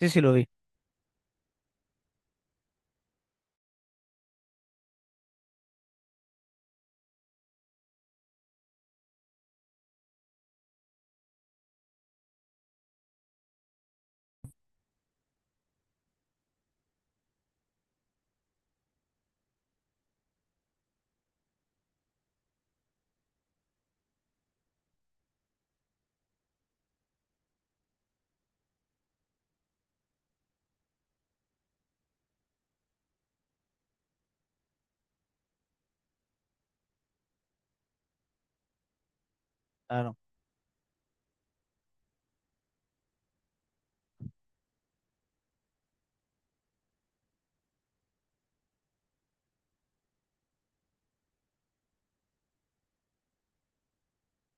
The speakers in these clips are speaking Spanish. Sí, sí, lo vi. Claro.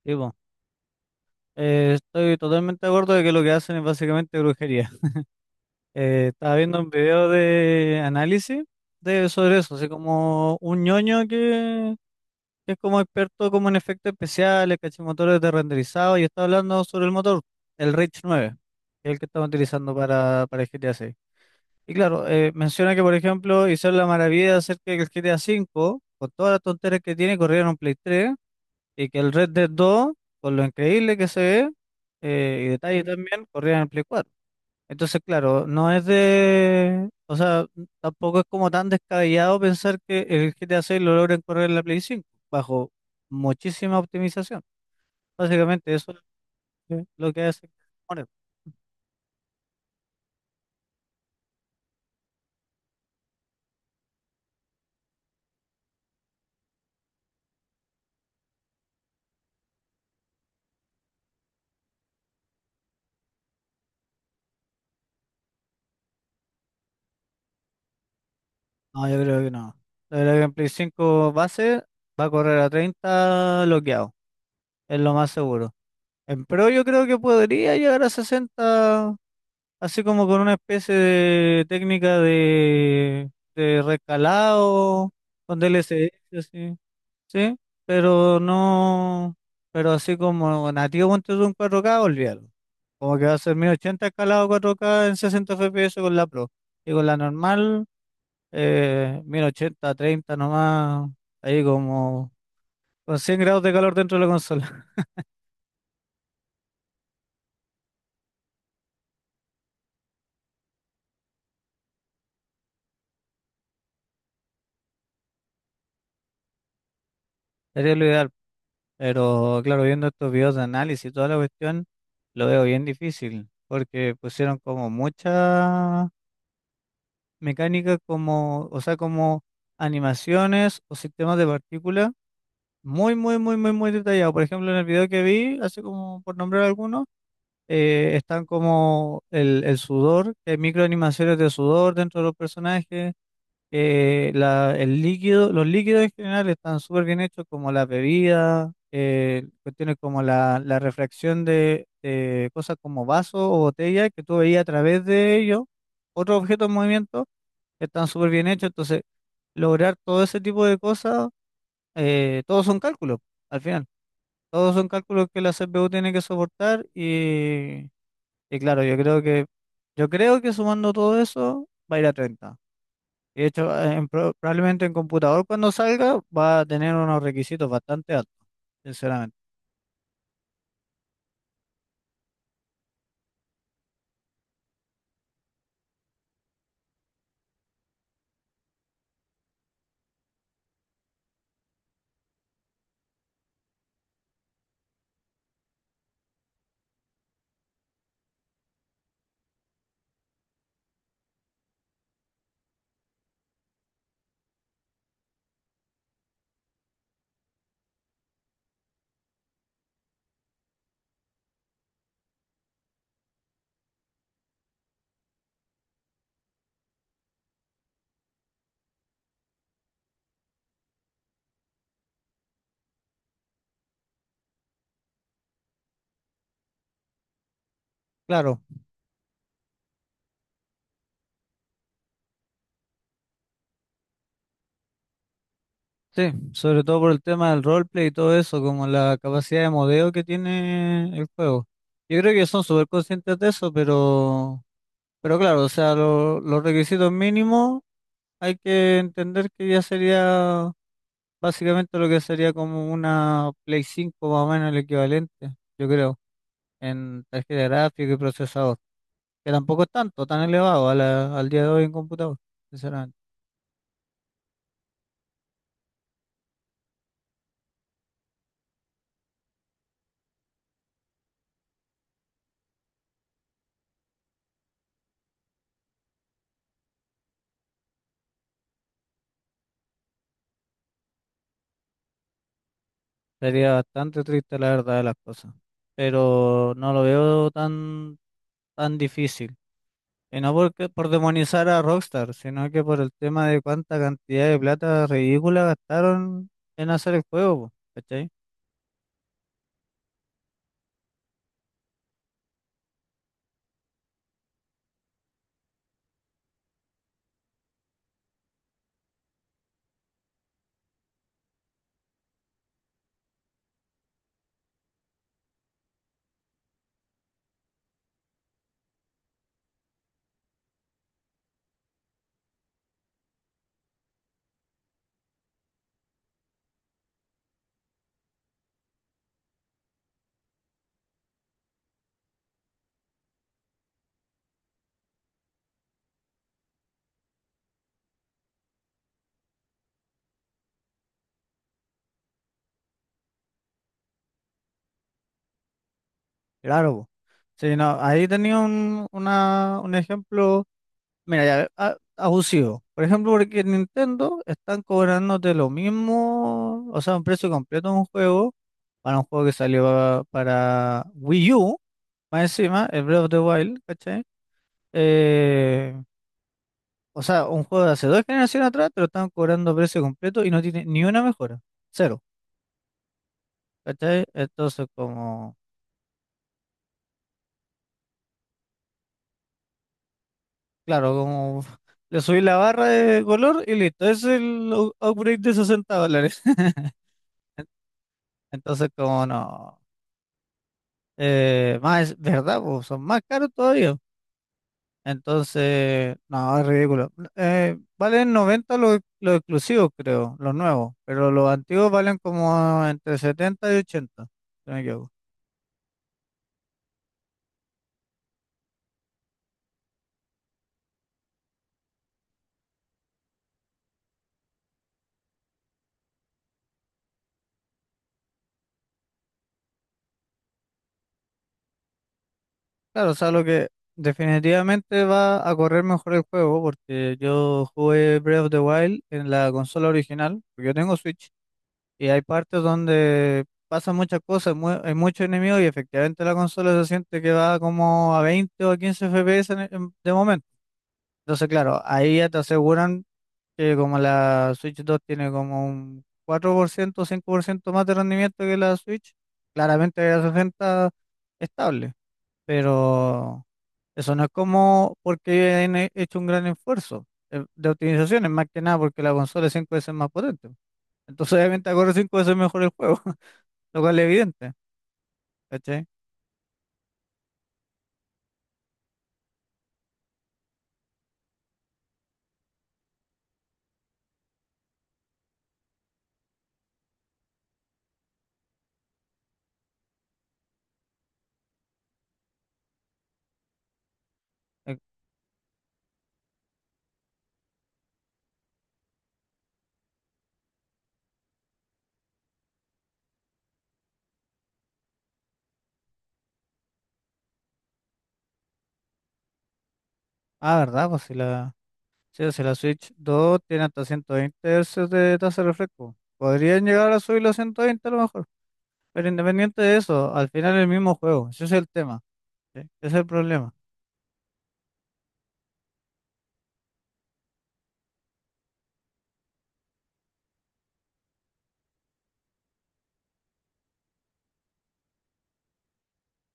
Tipo, estoy totalmente de acuerdo de que lo que hacen es básicamente brujería. Estaba viendo un video de análisis sobre eso, así como un ñoño que es como experto como en efectos especiales, cachimotores de renderizado, y está hablando sobre el motor, el Rich 9, que es el que estamos utilizando para el GTA 6. Y claro, menciona que, por ejemplo, hicieron la maravilla de hacer que el GTA 5, con todas las tonterías que tiene, corriera en un Play 3. Y que el Red Dead 2, por lo increíble que se ve, y detalle también, corría en el Play 4. Entonces, claro, no es de... O sea, tampoco es como tan descabellado pensar que el GTA 6 lo logren correr en la Play 5, bajo muchísima optimización. Básicamente eso es lo que hace. Que No, yo creo que no. Yo creo que en Play 5 base va a correr a 30 bloqueado, es lo más seguro. En Pro yo creo que podría llegar a 60, así como con una especie de técnica de recalado, con DLSS, así, ¿sí? Pero no, pero así como nativo ponte tú un 4K, olvídalo. Como que va a ser 1080 escalado 4K en 60 FPS con la Pro. Y con la normal, 1080, 30 nomás, ahí como con 100 grados de calor dentro de la consola. Sería lo ideal. Pero claro, viendo estos videos de análisis y toda la cuestión. Lo veo bien difícil, porque pusieron como mucha mecánica como, o sea, como animaciones o sistemas de partículas muy, muy, muy, muy, muy detallado. Por ejemplo, en el video que vi, hace como por nombrar algunos, están como el sudor, que hay microanimaciones de sudor dentro de los personajes, el líquido, los líquidos en general están súper bien hechos, como las bebidas, cuestiones como la refracción de cosas como vasos o botellas que tú veías a través de ellos, otros objetos en movimiento, están súper bien hechos. Entonces, lograr todo ese tipo de cosas, todos son cálculos, al final. Todos son cálculos que la CPU tiene que soportar y claro, yo creo que sumando todo eso va a ir a 30. De hecho, probablemente en computador cuando salga va a tener unos requisitos bastante altos, sinceramente. Claro, sí, sobre todo por el tema del roleplay y todo eso, como la capacidad de modeo que tiene el juego. Yo creo que son súper conscientes de eso, pero claro, o sea, los requisitos mínimos hay que entender que ya sería básicamente lo que sería como una Play cinco más o menos el equivalente, yo creo, en tarjeta gráfica y procesador. Que tampoco es tanto, tan elevado al día de hoy en computador, sinceramente. Sería bastante triste la verdad de las cosas, pero no lo veo tan difícil. Y no porque, por demonizar a Rockstar, sino que por el tema de cuánta cantidad de plata ridícula gastaron en hacer el juego, po, ¿cachai? Claro, po. Sí, no, ahí tenía un ejemplo, mira, ya, abusivo. Por ejemplo, porque en Nintendo están cobrándote lo mismo, o sea, un precio completo de un juego para un juego que salió para Wii U, más encima, el Breath of the Wild, ¿cachai? Eh, o sea, un juego de hace dos generaciones atrás te lo están cobrando a precio completo y no tiene ni una mejora, cero, ¿cachai? Entonces, como, claro, como le subí la barra de color y listo, es el upgrade de $60. Entonces, como no, más, ¿verdad? Po, son más caros todavía. Entonces, no, es ridículo. Valen 90 los exclusivos, creo, los nuevos, pero los antiguos valen como entre 70 y 80 si no me equivoco. Claro, o sea, lo que definitivamente va a correr mejor el juego, porque yo jugué Breath of the Wild en la consola original, porque yo tengo Switch, y hay partes donde pasan muchas cosas, hay muchos enemigos, y efectivamente la consola se siente que va como a 20 o a 15 FPS de momento. Entonces, claro, ahí ya te aseguran que como la Switch 2 tiene como un 4% o 5% más de rendimiento que la Switch, claramente la 60 estable, pero eso no es como porque hecho un gran esfuerzo de optimizaciones, más que nada porque la consola es 5 veces más potente. Entonces obviamente corre 5 veces mejor el juego, lo cual es evidente, ¿cachai? Eh, Ah, ¿verdad? Sí, pues si la Switch 2 tiene hasta 120 Hz de tasa de refresco, podrían llegar a subirlo a 120 a lo mejor. Pero independiente de eso, al final es el mismo juego, ese es el tema, ¿sí? Ese es el problema,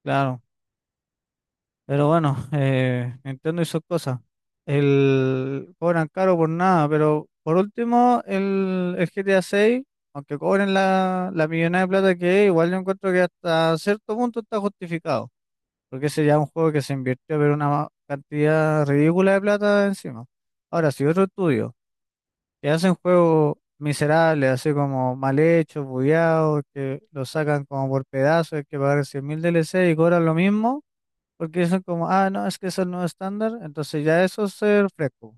claro. Pero bueno, Nintendo hizo cosas. Cobran caro por nada, pero por último, el GTA 6, aunque cobren la millonada de plata que es, igual yo encuentro que hasta cierto punto está justificado, porque ese ya es un juego que se invirtió, pero una cantidad ridícula de plata encima. Ahora, si otro estudio y hacen juegos miserables, así como mal hechos, bugueados, que los sacan como por pedazos, hay que pagar 100.000 DLC y cobran lo mismo, porque dicen como, ah, no, es que es el nuevo estándar, entonces ya eso es ser fresco,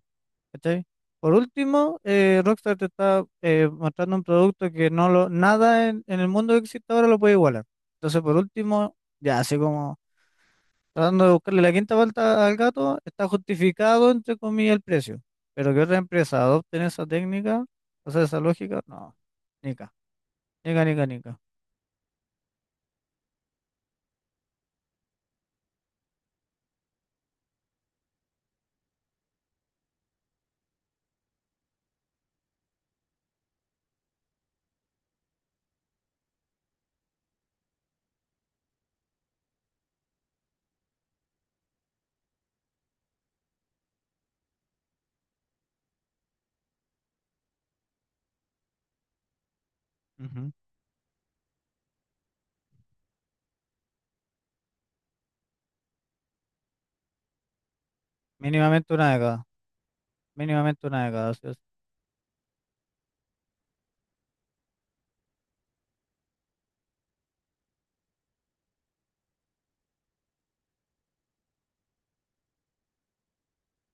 ¿cachai? Por último, Rockstar te está mostrando un producto que no lo, nada en el mundo que existe ahora lo puede igualar. Entonces, por último, ya, así como tratando de buscarle la quinta vuelta al gato, está justificado, entre comillas, el precio. Pero que otra empresa adopten esa técnica, o sea, esa lógica, no. Nica, nica, nica, nica. Ujú. Mínimamente una década, mínimamente una década. Así es.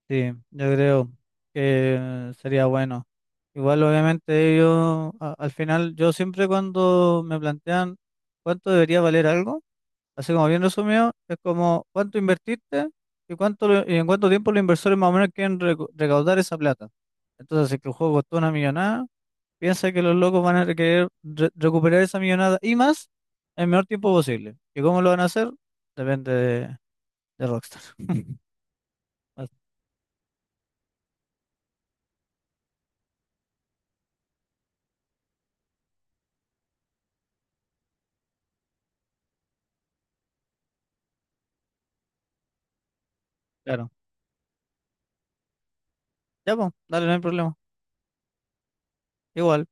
Sí, yo creo que sería bueno. Igual, obviamente, ellos, al final, yo siempre cuando me plantean cuánto debería valer algo, así como bien resumido, es como cuánto invertiste y en cuánto tiempo los inversores más o menos quieren recaudar esa plata. Entonces, si es que el juego costó una millonada, piensa que los locos van a querer recuperar esa millonada y más en el menor tiempo posible. ¿Y cómo lo van a hacer? Depende de Rockstar. Ah, claro. Ya, pues, dale, no hay problema. Igual.